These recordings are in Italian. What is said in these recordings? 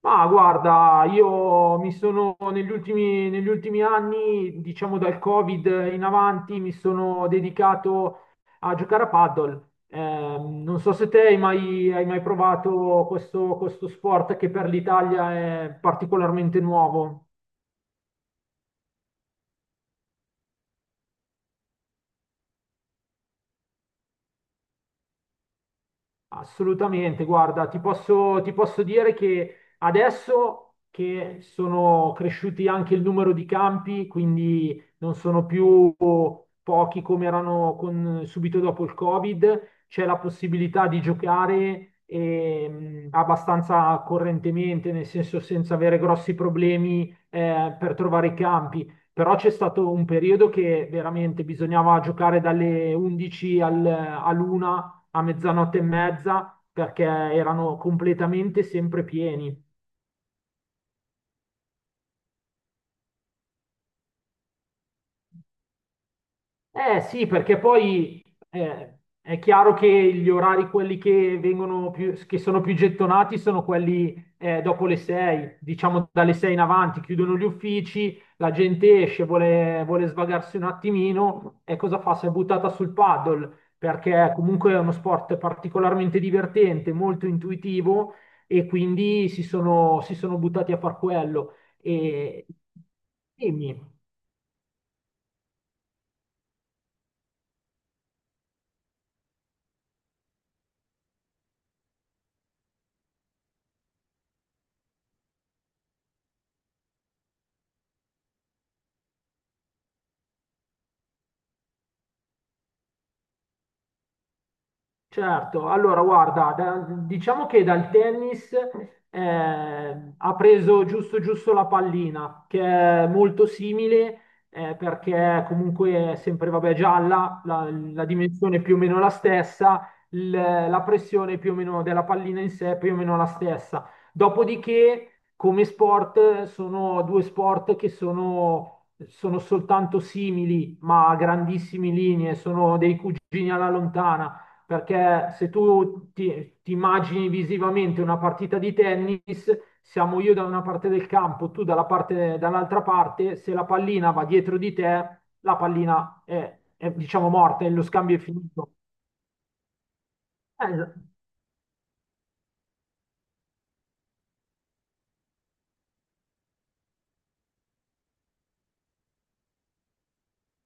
Ma guarda, io mi sono negli ultimi anni, diciamo dal Covid in avanti, mi sono dedicato a giocare a paddle. Non so se te hai mai provato questo sport che per l'Italia è particolarmente nuovo. Assolutamente, guarda, ti posso dire che adesso che sono cresciuti anche il numero di campi, quindi non sono più pochi come erano subito dopo il Covid, c'è la possibilità di giocare abbastanza correntemente, nel senso senza avere grossi problemi per trovare i campi. Però c'è stato un periodo che veramente bisognava giocare dalle 11 all'una a mezzanotte e mezza perché erano completamente sempre pieni. Eh sì, perché poi è chiaro che gli orari, quelli che vengono più, che sono più gettonati, sono quelli dopo le 6, diciamo dalle 6 in avanti, chiudono gli uffici, la gente esce, vuole svagarsi un attimino e cosa fa? Si è buttata sul paddle, perché comunque è uno sport particolarmente divertente, molto intuitivo e quindi si sono buttati a far quello. E, Dimmi. Certo, allora guarda, diciamo che dal tennis eh, ha preso giusto giusto la pallina, che è molto simile perché comunque è sempre vabbè, gialla, la dimensione è più o meno la stessa, la pressione più o meno della pallina in sé è più o meno la stessa. Dopodiché, come sport, sono due sport che sono soltanto simili, ma a grandissime linee, sono dei cugini alla lontana perché se tu ti immagini visivamente una partita di tennis, siamo io da una parte del campo, tu dall'altra parte, se la pallina va dietro di te, la pallina è, diciamo morta e lo scambio è finito. Eh.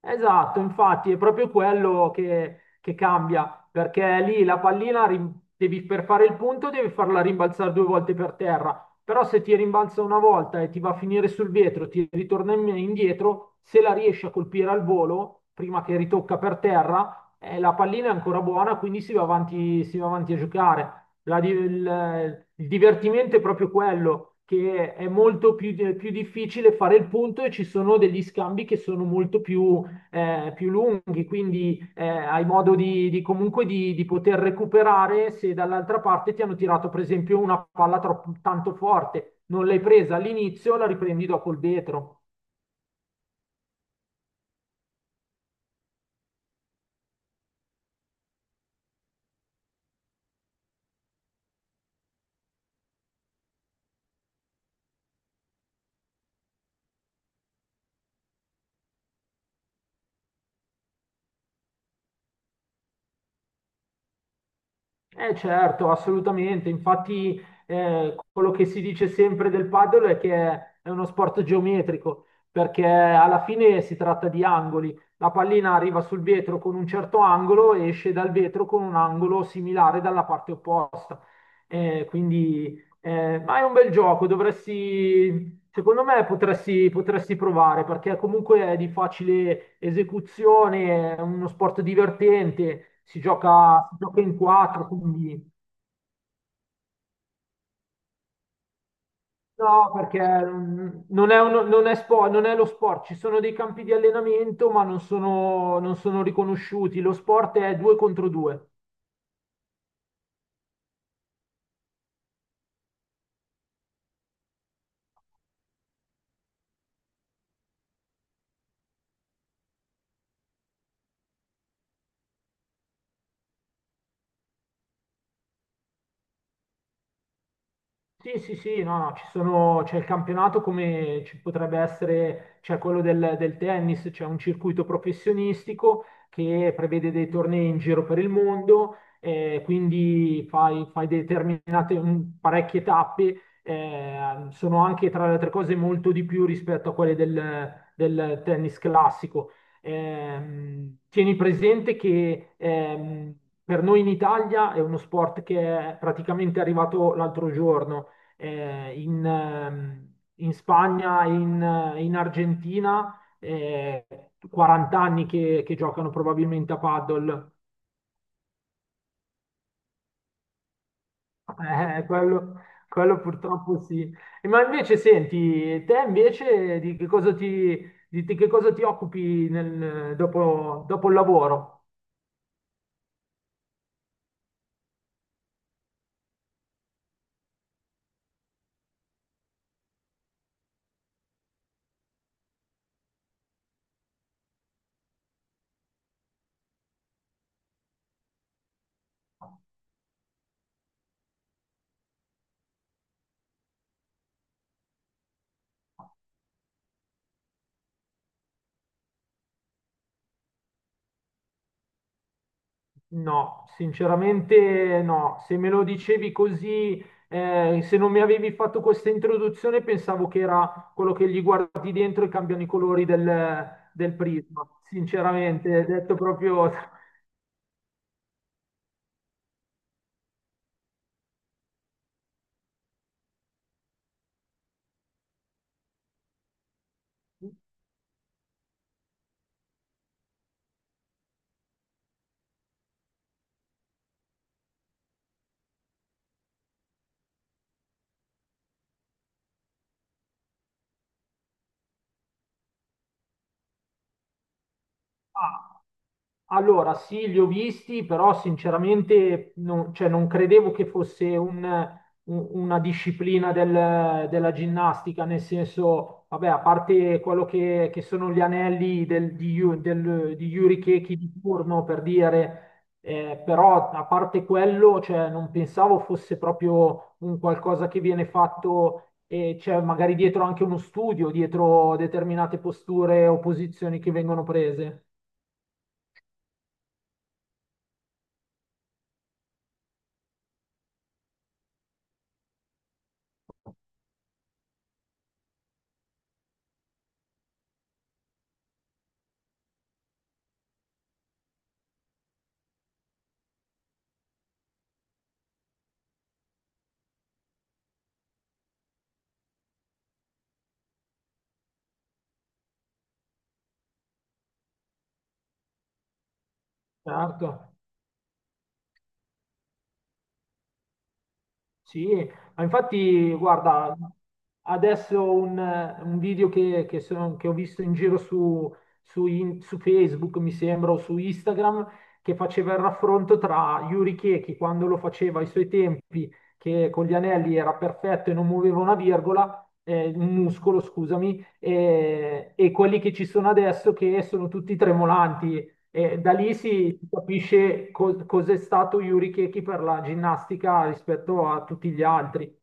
Esatto, infatti è proprio quello che cambia, perché lì la pallina per fare il punto devi farla rimbalzare 2 volte per terra, però se ti rimbalza una volta e ti va a finire sul vetro, ti ritorna indietro, se la riesci a colpire al volo, prima che ritocca per terra, la pallina è ancora buona, quindi si va avanti a giocare. Il divertimento è proprio quello che è molto più difficile fare il punto e ci sono degli scambi che sono molto più lunghi, quindi hai modo di poter recuperare se dall'altra parte ti hanno tirato per esempio una palla tanto forte, non l'hai presa all'inizio, la riprendi dopo il vetro. Eh certo, assolutamente. Infatti, quello che si dice sempre del paddle è che è uno sport geometrico, perché alla fine si tratta di angoli. La pallina arriva sul vetro con un certo angolo e esce dal vetro con un angolo similare dalla parte opposta. Eh, quindi, ma è un bel gioco, dovresti secondo me potresti provare perché comunque è di facile esecuzione, è uno sport divertente, si gioca in quattro, quindi. No, perché non è lo sport, ci sono dei campi di allenamento ma non sono riconosciuti, lo sport è 2 contro 2. Sì, sì, sì, no, no, c'è il campionato come ci potrebbe essere, c'è quello del tennis, c'è un circuito professionistico che prevede dei tornei in giro per il mondo, quindi fai parecchie tappe, sono anche tra le altre cose molto di più rispetto a quelle del tennis classico. Tieni presente che per noi in Italia è uno sport che è praticamente arrivato l'altro giorno in Spagna e in Argentina, 40 anni che giocano probabilmente a paddle. Eh, quello, quello purtroppo sì. Ma invece senti, te invece di che cosa ti occupi dopo il lavoro? No, sinceramente no. Se me lo dicevi così, se non mi avevi fatto questa introduzione, pensavo che era quello che gli guardi dentro e cambiano i colori del prisma. Sinceramente, detto proprio. Ah. Allora, sì, li ho visti, però sinceramente non, cioè, non credevo che fosse una disciplina della ginnastica, nel senso, vabbè, a parte quello che sono gli anelli di Yuri Keki di turno, per dire, però a parte quello, cioè, non pensavo fosse proprio un qualcosa che viene fatto e c'è magari dietro anche uno studio, dietro determinate posture o posizioni che vengono prese. Certo. Sì, ma infatti, guarda, adesso un video che ho visto in giro su, su Facebook, mi sembra, o su Instagram, che faceva il raffronto tra Yuri Chechi quando lo faceva ai suoi tempi, che con gli anelli era perfetto e non muoveva una virgola, un muscolo, scusami, e quelli che ci sono adesso che sono tutti tremolanti e da lì si capisce cos'è stato Yuri Chechi per la ginnastica rispetto a tutti gli altri.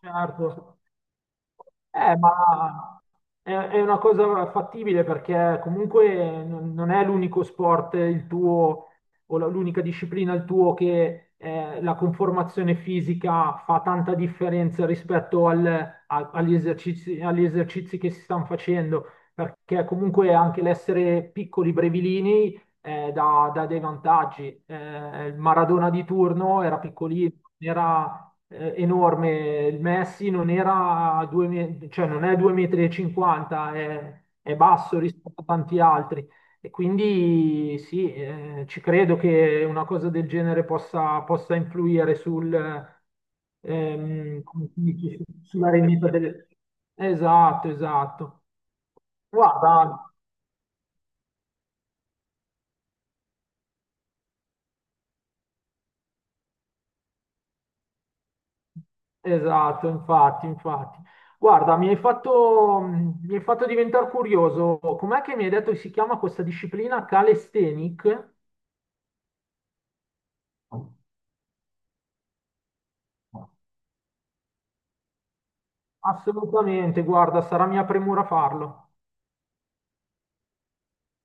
Certo. Ma è una cosa fattibile perché comunque non è l'unico sport il tuo o l'unica disciplina il tuo che la conformazione fisica fa tanta differenza rispetto agli esercizi che si stanno facendo, perché comunque anche l'essere piccoli brevilini dà dei vantaggi. Il Maradona di turno era piccolino, non era enorme. Il Messi non era due, cioè non è 2,50 m, è basso rispetto a tanti altri. E quindi sì, ci credo che una cosa del genere possa influire come si dice, sulla rendita del. Esatto, esatto. Guarda. Esatto, infatti, infatti. Guarda, mi hai fatto diventare curioso. Com'è che mi hai detto che si chiama questa disciplina calisthenic? Assolutamente, guarda, sarà mia premura farlo.